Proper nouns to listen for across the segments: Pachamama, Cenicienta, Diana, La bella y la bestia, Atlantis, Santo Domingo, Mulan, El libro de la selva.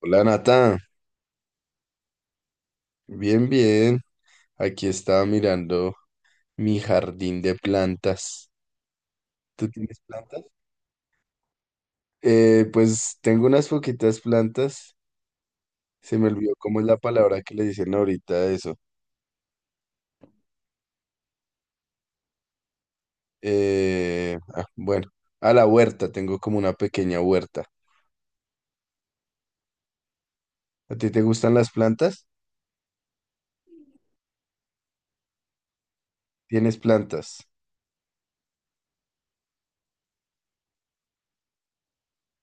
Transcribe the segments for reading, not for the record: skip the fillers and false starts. Hola Nata, bien, bien. Aquí estaba mirando mi jardín de plantas. ¿Tú tienes plantas? Pues tengo unas poquitas plantas. Se me olvidó cómo es la palabra que le dicen ahorita a eso. Bueno, a la huerta, tengo como una pequeña huerta. ¿A ti te gustan las plantas? ¿Tienes plantas?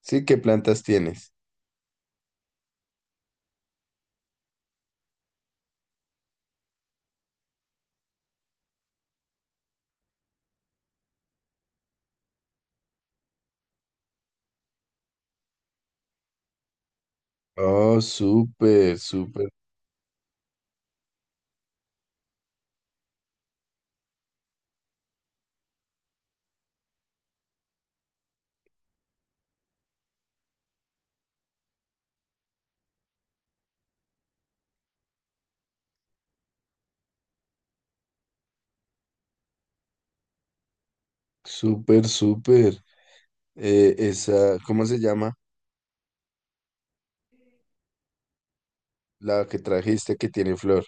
Sí, ¿qué plantas tienes? Oh, súper, súper, súper, súper. Esa, ¿cómo se llama? La que trajiste que tiene flor.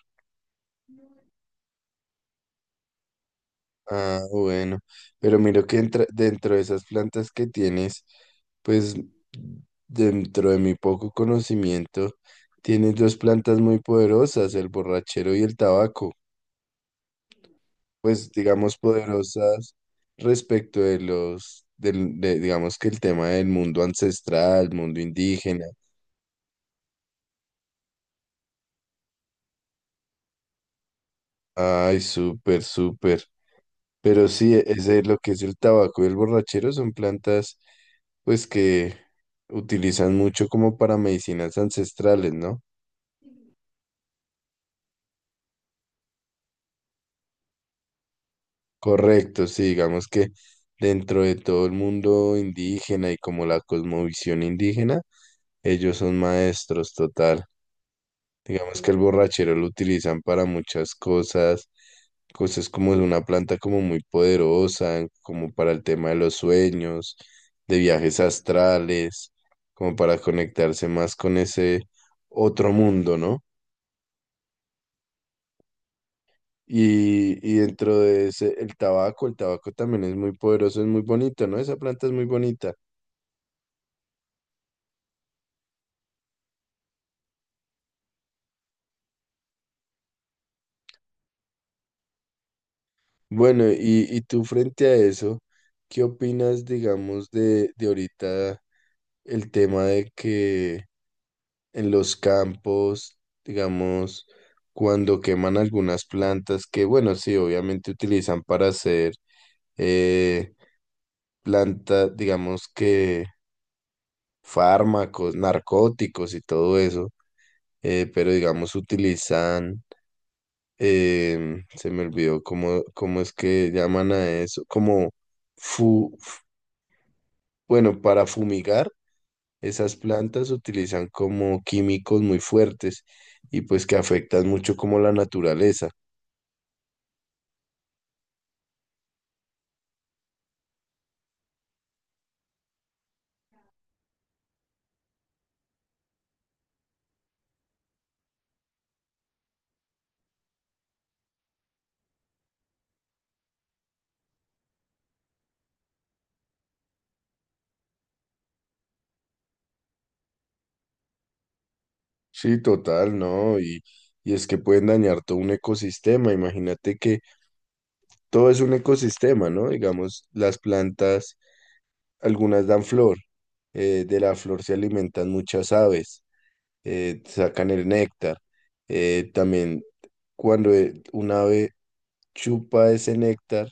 Ah, bueno, pero miro que dentro de esas plantas que tienes, pues dentro de mi poco conocimiento, tienes dos plantas muy poderosas, el borrachero y el tabaco, pues digamos poderosas respecto de los, del, de- digamos que el tema del mundo ancestral, mundo indígena. Ay, súper, súper. Pero sí, ese es lo que es, el tabaco y el borrachero son plantas pues que utilizan mucho como para medicinas ancestrales, ¿no? Correcto, sí, digamos que dentro de todo el mundo indígena y como la cosmovisión indígena, ellos son maestros total. Digamos que el borrachero lo utilizan para muchas cosas, cosas, como es una planta como muy poderosa, como para el tema de los sueños, de viajes astrales, como para conectarse más con ese otro mundo, ¿no? Y dentro de ese, el tabaco también es muy poderoso, es muy bonito, ¿no? Esa planta es muy bonita. Bueno, y tú frente a eso, ¿qué opinas, digamos, de, ahorita el tema de que en los campos, digamos, cuando queman algunas plantas que, bueno, sí, obviamente utilizan para hacer eh, plantas, digamos que fármacos, narcóticos y todo eso, pero digamos utilizan, se me olvidó cómo es que llaman a eso, como, fu- f- bueno, para fumigar. Esas plantas utilizan como químicos muy fuertes y pues que afectan mucho como la naturaleza. Sí, total, ¿no? Y es que pueden dañar todo un ecosistema. Imagínate que todo es un ecosistema, ¿no? Digamos, las plantas, algunas dan flor, de la flor se alimentan muchas aves, sacan el néctar. También cuando un ave chupa ese néctar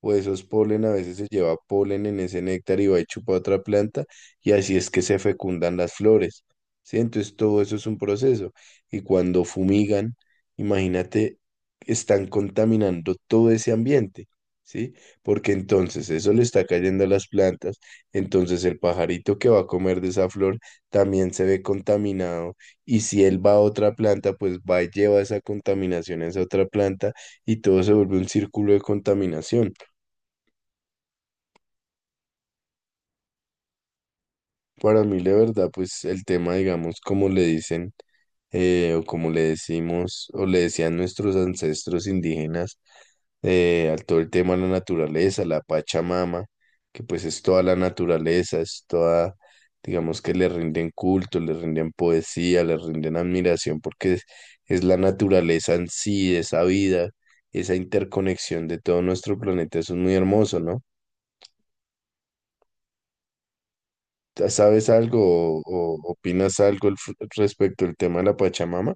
o esos polen, a veces se lleva polen en ese néctar y va y chupa otra planta y así es que se fecundan las flores. ¿Sí? Entonces todo eso es un proceso. Y cuando fumigan, imagínate, están contaminando todo ese ambiente. ¿Sí? Porque entonces eso le está cayendo a las plantas, entonces el pajarito que va a comer de esa flor también se ve contaminado y si él va a otra planta, pues va y lleva esa contaminación a esa otra planta y todo se vuelve un círculo de contaminación. Para mí, la verdad, pues el tema, digamos, como le dicen, o como le decimos o le decían nuestros ancestros indígenas, al todo el tema de la naturaleza, la Pachamama, que pues es toda la naturaleza, es toda, digamos que le rinden culto, le rinden poesía, le rinden admiración, porque es la naturaleza en sí, esa vida, esa interconexión de todo nuestro planeta, eso es muy hermoso, ¿no? ¿Sabes algo o opinas algo al respecto al tema de la Pachamama?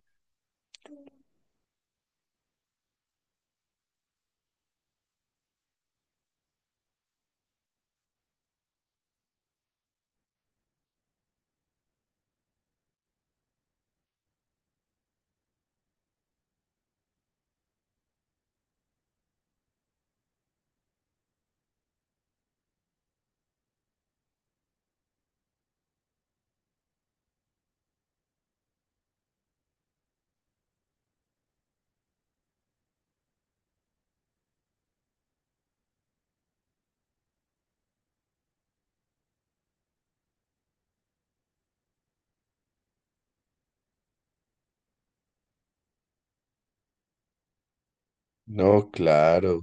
No, claro.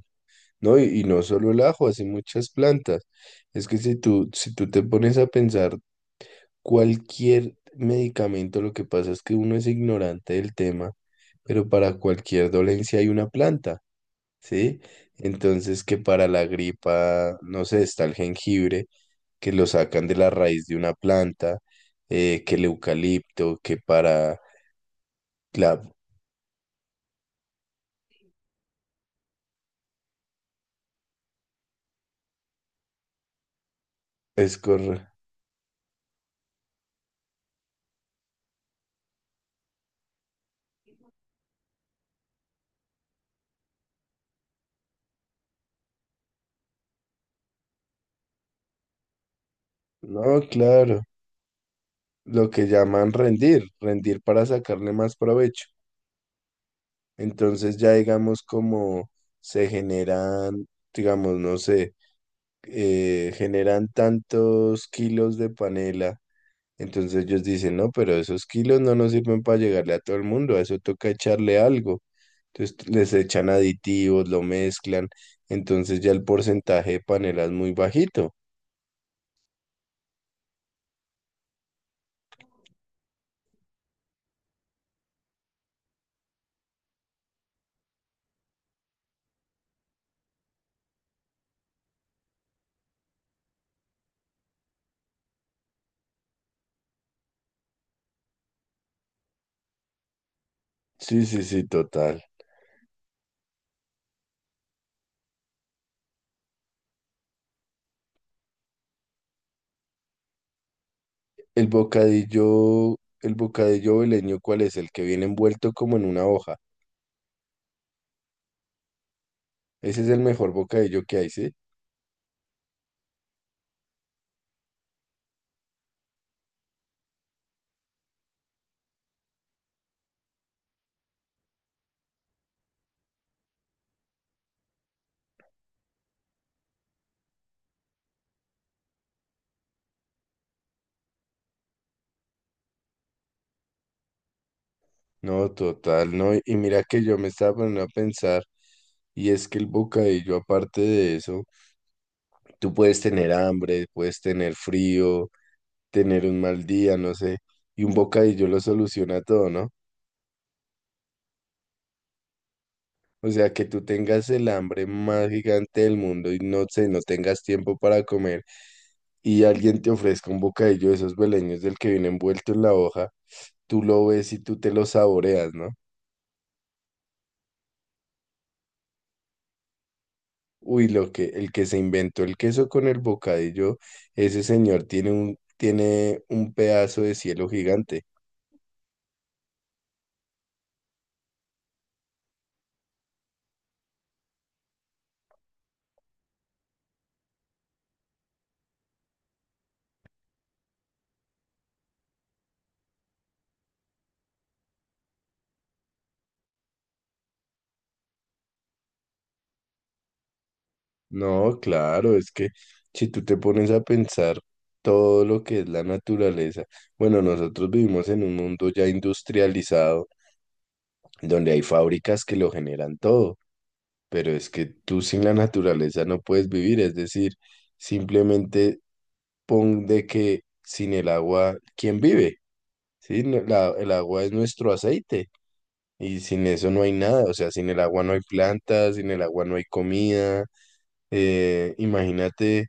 No, y no solo el ajo, así muchas plantas. Es que si tú te pones a pensar cualquier medicamento, lo que pasa es que uno es ignorante del tema, pero para cualquier dolencia hay una planta, ¿sí? Entonces que para la gripa, no sé, está el jengibre, que lo sacan de la raíz de una planta, que el eucalipto, que para... la Es correcto. No, claro. Lo que llaman rendir, rendir para sacarle más provecho. Entonces ya digamos como se generan, digamos, no sé, generan tantos kilos de panela. Entonces ellos dicen, no, pero esos kilos no nos sirven para llegarle a todo el mundo, a eso toca echarle algo. Entonces les echan aditivos, lo mezclan. Entonces ya el porcentaje de panela es muy bajito. Sí, sí, sí, total. El bocadillo veleño, ¿cuál es? El que viene envuelto como en una hoja. Ese es el mejor bocadillo que hay, ¿sí? No, total, no. Y mira que yo me estaba poniendo a pensar, y es que el bocadillo, aparte de eso, tú puedes tener hambre, puedes tener frío, tener un mal día, no sé, y un bocadillo lo soluciona todo, ¿no? O sea, que tú tengas el hambre más gigante del mundo y no sé, no tengas tiempo para comer y alguien te ofrezca un bocadillo de esos beleños del que viene envuelto en la hoja, tú lo ves y tú te lo saboreas, ¿no? Uy, lo que, el que se inventó el queso con el bocadillo, ese señor tiene un, pedazo de cielo gigante. No, claro, es que si tú te pones a pensar todo lo que es la naturaleza, bueno, nosotros vivimos en un mundo ya industrializado donde hay fábricas que lo generan todo, pero es que tú sin la naturaleza no puedes vivir, es decir, simplemente pon de que sin el agua, ¿quién vive? Sí, el agua es nuestro aceite y sin eso no hay nada, o sea, sin el agua no hay plantas, sin el agua no hay comida, imagínate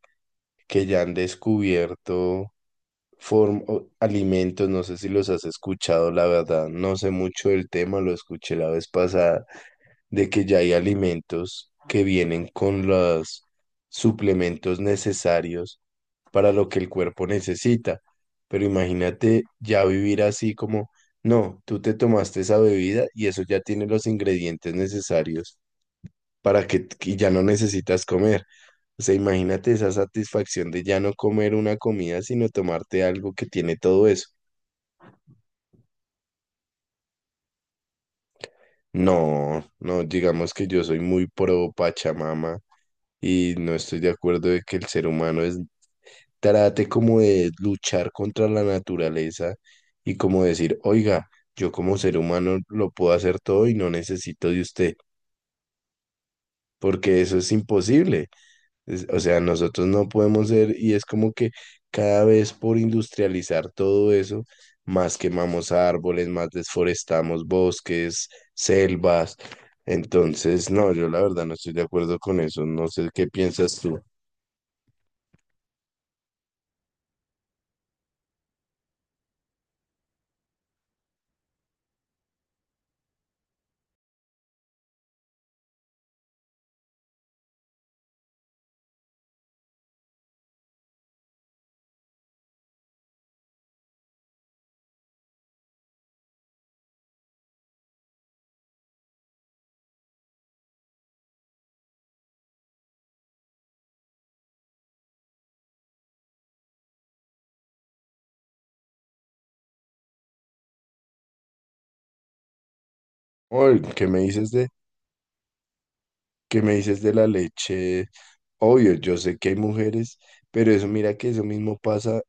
que ya han descubierto alimentos, no sé si los has escuchado, la verdad, no sé mucho del tema, lo escuché la vez pasada de que ya hay alimentos que vienen con los suplementos necesarios para lo que el cuerpo necesita. Pero imagínate ya vivir así como, no, tú te tomaste esa bebida y eso ya tiene los ingredientes necesarios para que y ya no necesitas comer. O sea, imagínate esa satisfacción de ya no comer una comida, sino tomarte algo que tiene todo eso. No, no, digamos que yo soy muy pro Pachamama y no estoy de acuerdo de que el ser humano es trate como de luchar contra la naturaleza y como decir, oiga, yo como ser humano lo puedo hacer todo y no necesito de usted, porque eso es imposible. O sea, nosotros no podemos ser y es como que cada vez por industrializar todo eso, más quemamos árboles, más desforestamos bosques, selvas. Entonces, no, yo la verdad no estoy de acuerdo con eso. No sé qué piensas tú. Oye, ¿qué me dices de la leche? Obvio, yo sé que hay mujeres, pero eso mira que eso mismo pasa,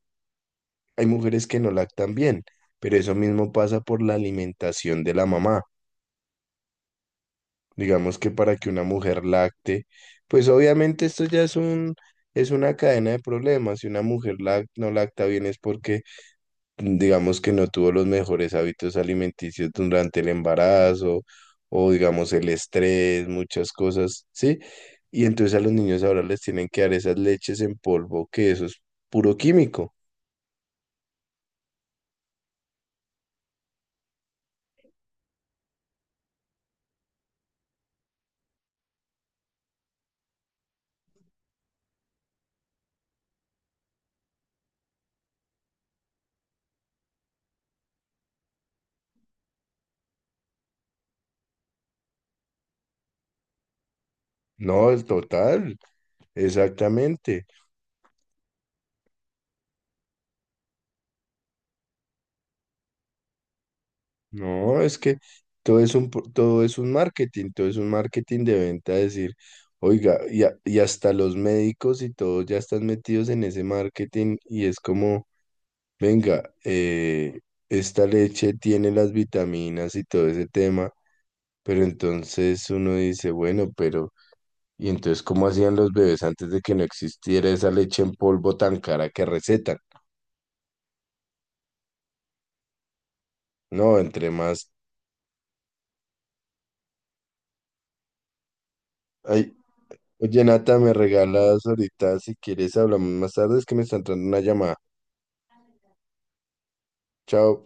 hay mujeres que no lactan bien, pero eso mismo pasa por la alimentación de la mamá. Digamos que para que una mujer lacte, pues obviamente esto ya es una cadena de problemas. Si una mujer no lacta bien es porque digamos que no tuvo los mejores hábitos alimenticios durante el embarazo o digamos el estrés, muchas cosas, ¿sí? Y entonces a los niños ahora les tienen que dar esas leches en polvo, que eso es puro químico. No, el total, exactamente. No, es que todo es un marketing, todo es un marketing de venta, decir, oiga, y hasta los médicos y todos ya están metidos en ese marketing y es como... Venga, esta leche tiene las vitaminas y todo ese tema, pero entonces uno dice, bueno, pero ¿y entonces cómo hacían los bebés antes de que no existiera esa leche en polvo tan cara que recetan? No, entre más... Ay, oye, Nata, me regalas ahorita, si quieres hablamos más tarde, es que me está entrando una llamada. Chao.